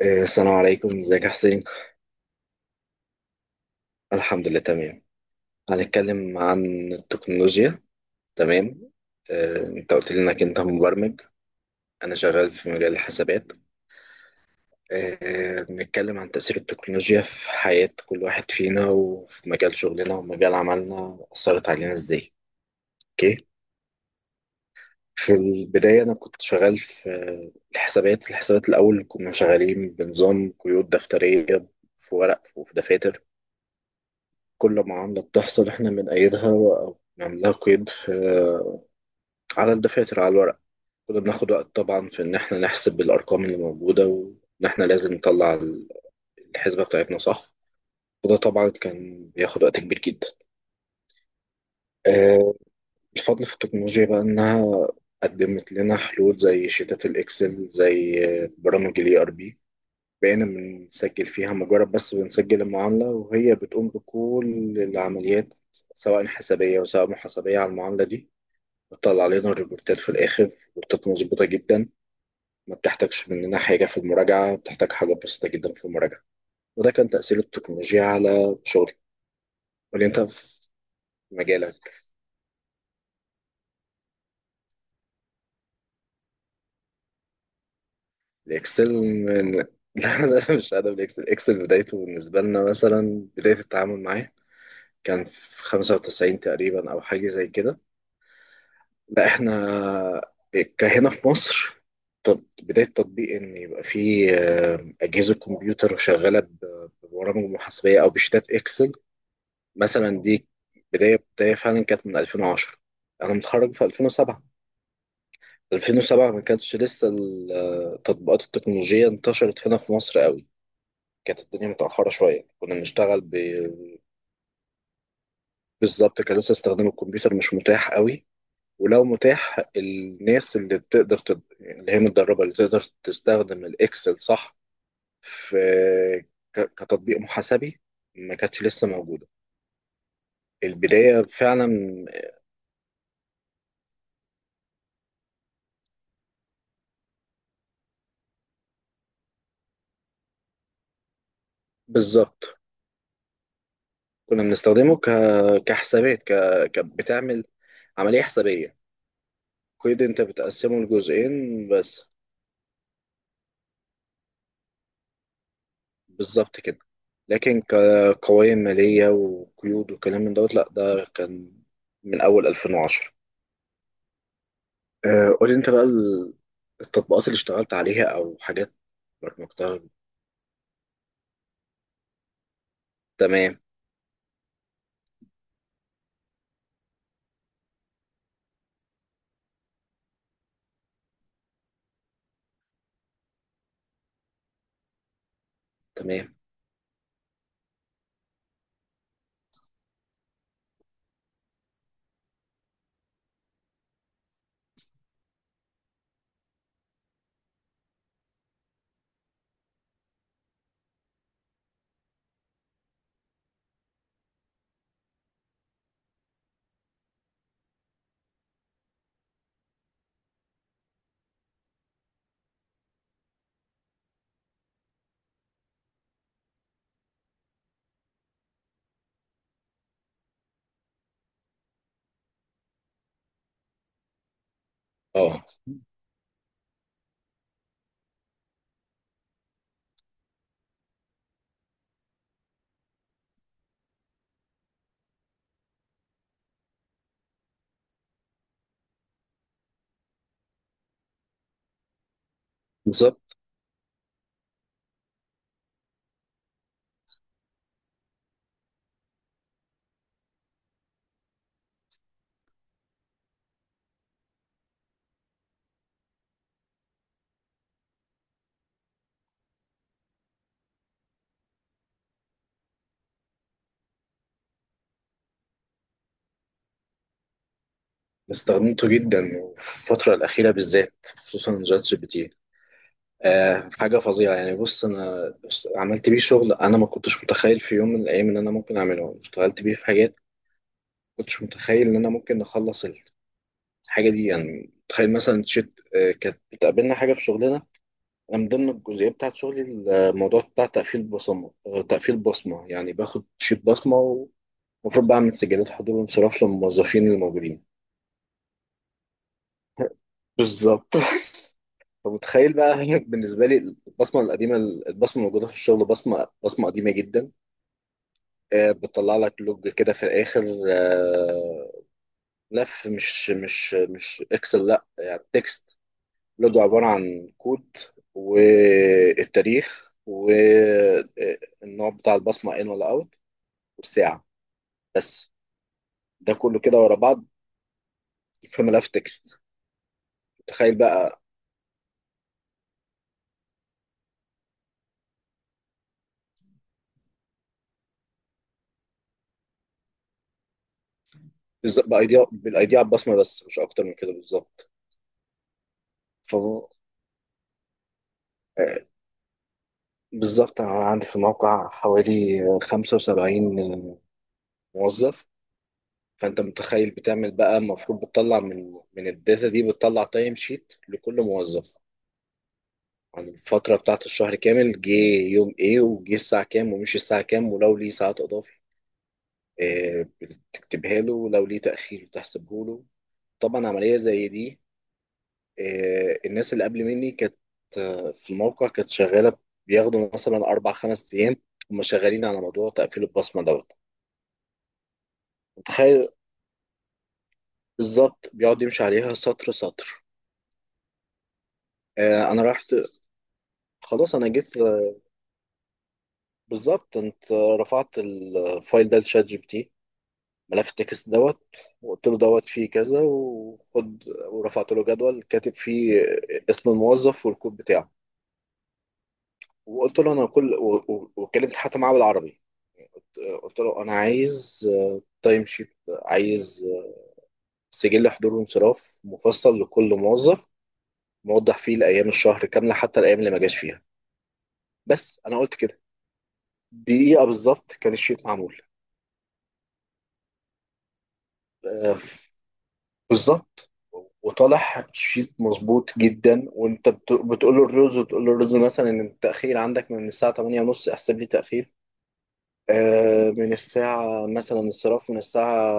السلام عليكم، ازيك يا حسين. الحمد لله تمام. هنتكلم عن التكنولوجيا. تمام. انت قلت لي انك انت مبرمج. انا شغال في مجال الحسابات. نتكلم عن تأثير التكنولوجيا في حياة كل واحد فينا وفي مجال شغلنا ومجال عملنا، أثرت علينا ازاي؟ اوكي. في البداية أنا كنت شغال في الحسابات. الأول كنا شغالين بنظام قيود دفترية، في ورق وفي دفاتر. كل معاملة بتحصل احنا بنأيدها أو نعملها قيد على الدفاتر، على الورق. كنا بناخد وقت طبعا في إن احنا نحسب الأرقام اللي موجودة وإن احنا لازم نطلع الحسبة بتاعتنا، صح؟ وده طبعا كان بياخد وقت كبير جدا. آه، الفضل في التكنولوجيا بقى إنها قدمت لنا حلول زي شيتات الإكسل، زي برامج ال ERP. بقينا بنسجل فيها، مجرد بس بنسجل المعاملة وهي بتقوم بكل العمليات، سواء حسابية وسواء محاسبية، على المعاملة دي. بتطلع علينا الريبورتات في الآخر، ريبورتات مظبوطة جدا. ما بتحتاجش مننا حاجة في المراجعة، بتحتاج حاجة بسيطة جدا في المراجعة. وده كان تأثير التكنولوجيا على شغلي. قولي أنت في مجالك. الإكسل من... لا، أنا مش قادر. بالإكسل، الإكسل بدايته بالنسبة لنا مثلا، بداية التعامل معاه كان في 95 تقريبا أو حاجة زي كده. لا، احنا كهنا في مصر. طب بداية تطبيق ان يبقى في اجهزة كمبيوتر شغالة ببرامج محاسبية او بشتات اكسل مثلا دي، بداية فعلا كانت من 2010. انا متخرج في 2007. 2007 ما كانتش لسه التطبيقات التكنولوجية انتشرت هنا في مصر قوي. كانت الدنيا متأخرة شوية، كنا بنشتغل بالظبط. كان لسه استخدام الكمبيوتر مش متاح قوي، ولو متاح الناس اللي بتقدر يعني اللي هي متدربة، اللي تقدر تستخدم الإكسل، صح؟ في كتطبيق محاسبي ما كانتش لسه موجودة. البداية فعلا بالظبط. كنا بنستخدمه كحسابات، بتعمل عملية حسابية. كود أنت بتقسمه لجزئين بس، بالظبط كده. لكن كقوائم مالية وقيود وكلام من دوت، لأ، ده كان من أول 2010. قولي انت بقى التطبيقات اللي اشتغلت عليها او حاجات برمجتها. تمام. تمام. اه بالظبط. استخدمته جدا وفي الفترة الأخيرة بالذات، خصوصا شات جي بي تي. حاجة فظيعة يعني. بص، أنا عملت بيه شغل، أنا ما كنتش متخيل في يوم من الأيام إن أنا ممكن أعمله. اشتغلت بيه في حاجات ما كنتش متخيل إن أنا ممكن أخلص الحاجة دي. يعني تخيل مثلا، شت آه كانت بتقابلنا حاجة في شغلنا. أنا من ضمن الجزئية بتاعت شغلي، الموضوع بتاع تقفيل بصمة. تقفيل بصمة يعني باخد شيت بصمة، ومفروض بعمل سجلات حضور وانصراف للموظفين الموجودين. بالظبط. فمتخيل بقى بالنسبة لي، البصمة القديمة، البصمة الموجودة في الشغل، بصمة قديمة جدا. بتطلع لك لوج كده في الآخر. آه، لف مش إكسل، لأ، يعني تكست. لوج عبارة عن كود، والتاريخ والنوع بتاع البصمة، إن ولا أوت، والساعة، بس. ده كله كده ورا بعض في ملف تكست. تخيل بقى. بالظ- بايديا بالايديا على البصمه، بس مش اكتر من كده، بالظبط. ف آه، بالظبط انا عندي في الموقع حوالي 75 موظف. فانت متخيل بتعمل بقى، المفروض بتطلع من الداتا دي، بتطلع تايم شيت لكل موظف عن الفترة بتاعت الشهر كامل، جه يوم ايه، وجه الساعة كام، ومشي الساعة كام، ولو ليه ساعات إضافي بتكتبها له، ولو ليه تأخير بتحسبه له. طبعا عملية زي دي، الناس اللي قبل مني كانت في الموقع كانت شغاله، بياخدوا مثلا اربع خمس ايام هم شغالين على موضوع تقفيل البصمه دوت. متخيل، بالظبط، بيقعد يمشي عليها سطر سطر. انا رحت، خلاص انا جيت، بالظبط. انت رفعت الفايل ده لشات جي بي تي، ملف التكست دوت، وقلت له دوت فيه كذا وخد، ورفعت له جدول كاتب فيه اسم الموظف والكود بتاعه. وقلت له انا كل وكلمت حتى معاه بالعربي. قلت له انا عايز تايم شيت، عايز سجل حضور وانصراف مفصل لكل موظف، موضح فيه الايام الشهر كامله، حتى الايام اللي ما جاش فيها. بس انا قلت كده، دقيقه بالظبط كان الشيت معمول. آه، بالظبط. وطالع شيت مظبوط جدا. وانت بتقول له الرز، وتقول له الرز مثلا ان التاخير عندك من الساعه 8 ونص، احسب لي تاخير. من الساعه مثلا انصراف من الساعه،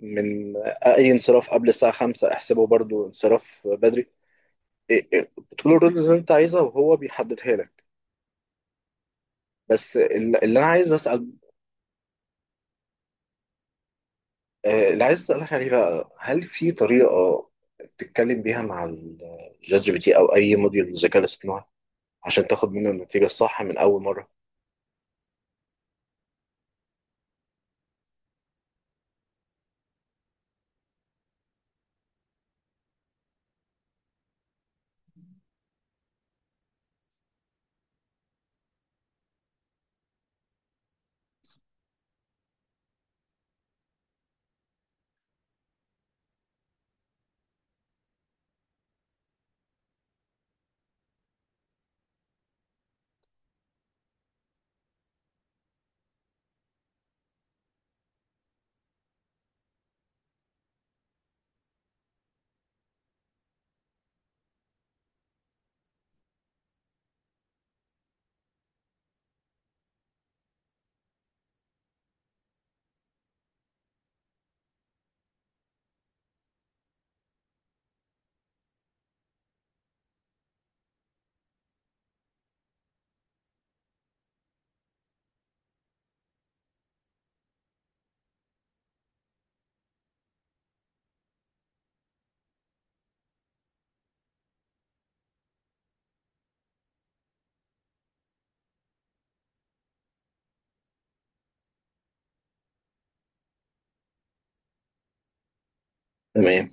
من اي انصراف قبل الساعه 5 احسبه برضو انصراف بدري. إيه، بتقول الرولز اللي انت عايزها وهو بيحددها لك. بس اللي انا عايز اسال، اللي عايز اسالك عليه بقى، هل في طريقه تتكلم بيها مع الشات جي بي تي او اي موديول للذكاء الاصطناعي عشان تاخد منه النتيجه الصح من اول مره؟ تمام.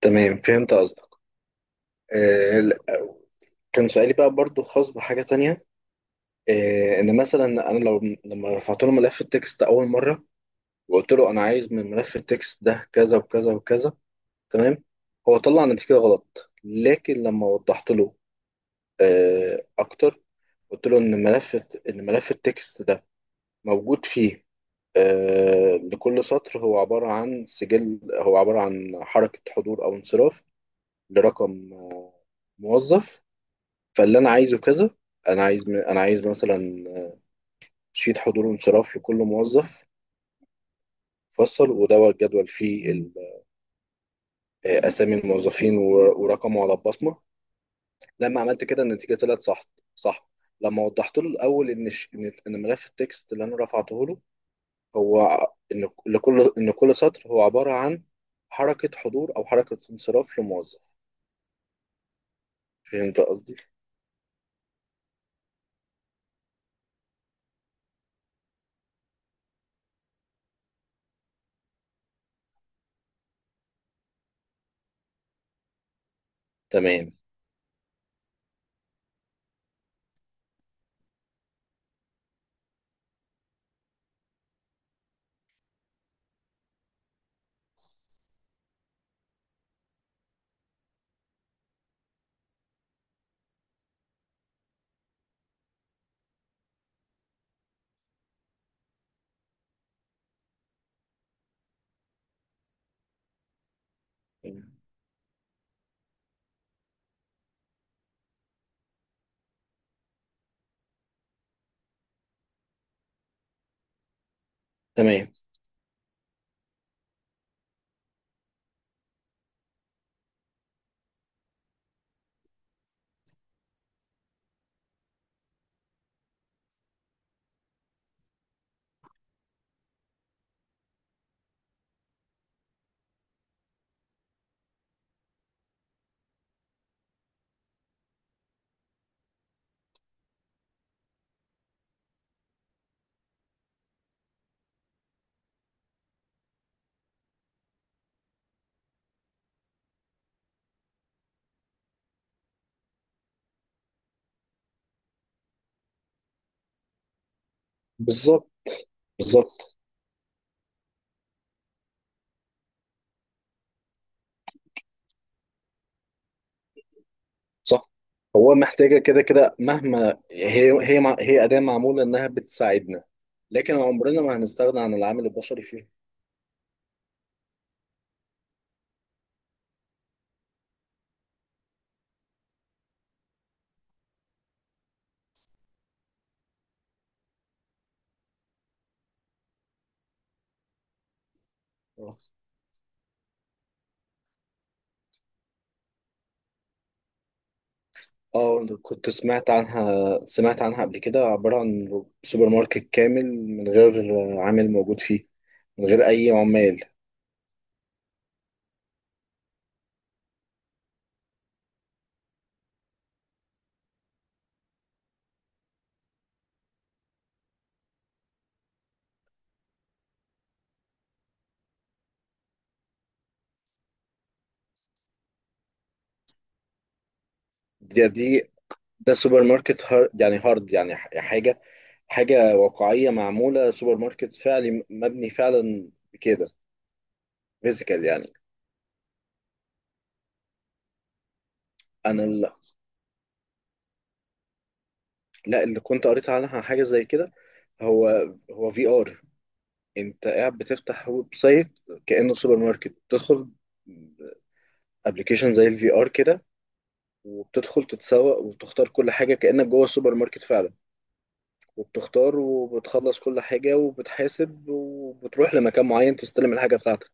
تمام، فهمت قصدك. لا، كان سؤالي بقى برضو خاص بحاجه تانية. ان مثلا انا لو، لما رفعت له ملف التكست اول مره، وقلت له انا عايز من ملف التكست ده كذا وكذا وكذا، تمام. هو طلع نتيجة غلط. لكن لما وضحت له أكتر، قلت له إن ملف التكست ده موجود فيه لكل سطر هو عبارة عن سجل، هو عبارة عن حركة حضور أو انصراف لرقم موظف. فاللي أنا عايزه كذا، أنا عايز مثلا شيت حضور وانصراف لكل موظف، فصل ودوت جدول فيه أسامي الموظفين ورقمه على البصمة. لما عملت كده النتيجه طلعت صح. صح، لما وضحت له الاول ان الش- ان إن ملف التكست اللي انا رفعته له هو ان لكل ان كل سطر هو عباره عن حركه حضور او حركه انصراف لموظف. فهمت قصدي. تمام. تمام، بالظبط، بالظبط، صح. هو محتاجه كده كده. مهما هي اداه معموله انها بتساعدنا، لكن عمرنا ما هنستغنى عن العامل البشري فيها. اه، أنا كنت سمعت عنها قبل كده، عبارة عن سوبر ماركت كامل من غير عامل موجود فيه، من غير أي عمال. دي ده سوبر ماركت هار، يعني هارد، يعني حاجة واقعية معمولة، سوبر ماركت فعلي مبني فعلا بكده. فيزيكال يعني. أنا لا، اللي كنت قريت عنها حاجة زي كده، هو هو في ار. أنت قاعد بتفتح ويب سايت كأنه سوبر ماركت، تدخل ابلكيشن زي الفي ار كده، وبتدخل تتسوق وبتختار كل حاجة كأنك جوه السوبر ماركت فعلا، وبتختار وبتخلص كل حاجة وبتحاسب وبتروح لمكان معين تستلم الحاجة بتاعتك.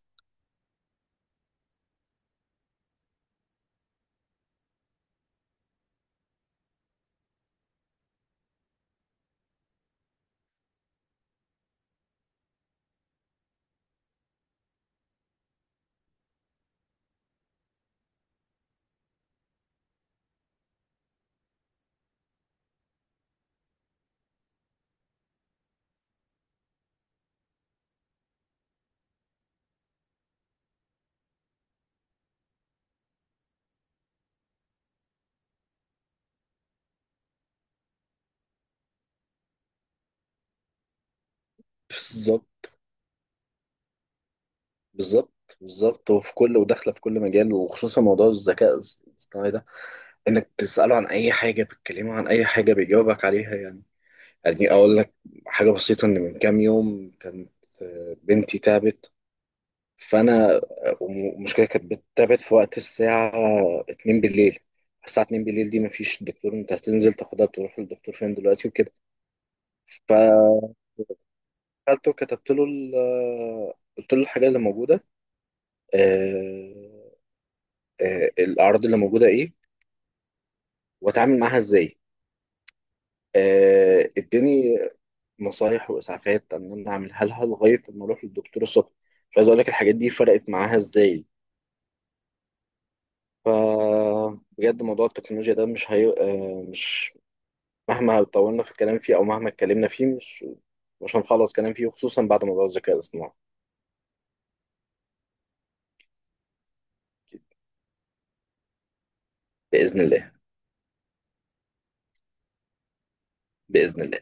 بالظبط. بالظبط، بالظبط وفي كل وداخلة في كل مجال، وخصوصا موضوع الذكاء الاصطناعي ده. انك تسأله عن اي حاجة، بتكلمه عن اي حاجة بيجاوبك عليها. يعني، يعني اقول لك حاجة بسيطة، ان من كام يوم كانت بنتي تعبت. فانا المشكله كانت بتتابع في وقت الساعه 2 بالليل. الساعه 2 بالليل دي مفيش دكتور، انت هتنزل تاخدها تروح للدكتور فين دلوقتي وكده. فقلت، كتبت له قلت له الحاجه اللي موجوده، آه، الاعراض اللي موجوده ايه، واتعامل معاها ازاي. اداني نصايح واسعافات ان انا اعملها لها لغايه ما اروح للدكتور الصبح. مش عايز اقول لك الحاجات دي فرقت معاها ازاي. فبجد موضوع التكنولوجيا ده مش هي... آه، مش مهما طولنا في الكلام فيه، او مهما اتكلمنا فيه مش هنخلص كلام فيه، خصوصا بعد موضوع الذكاء الاصطناعي. بإذن الله. بإذن الله.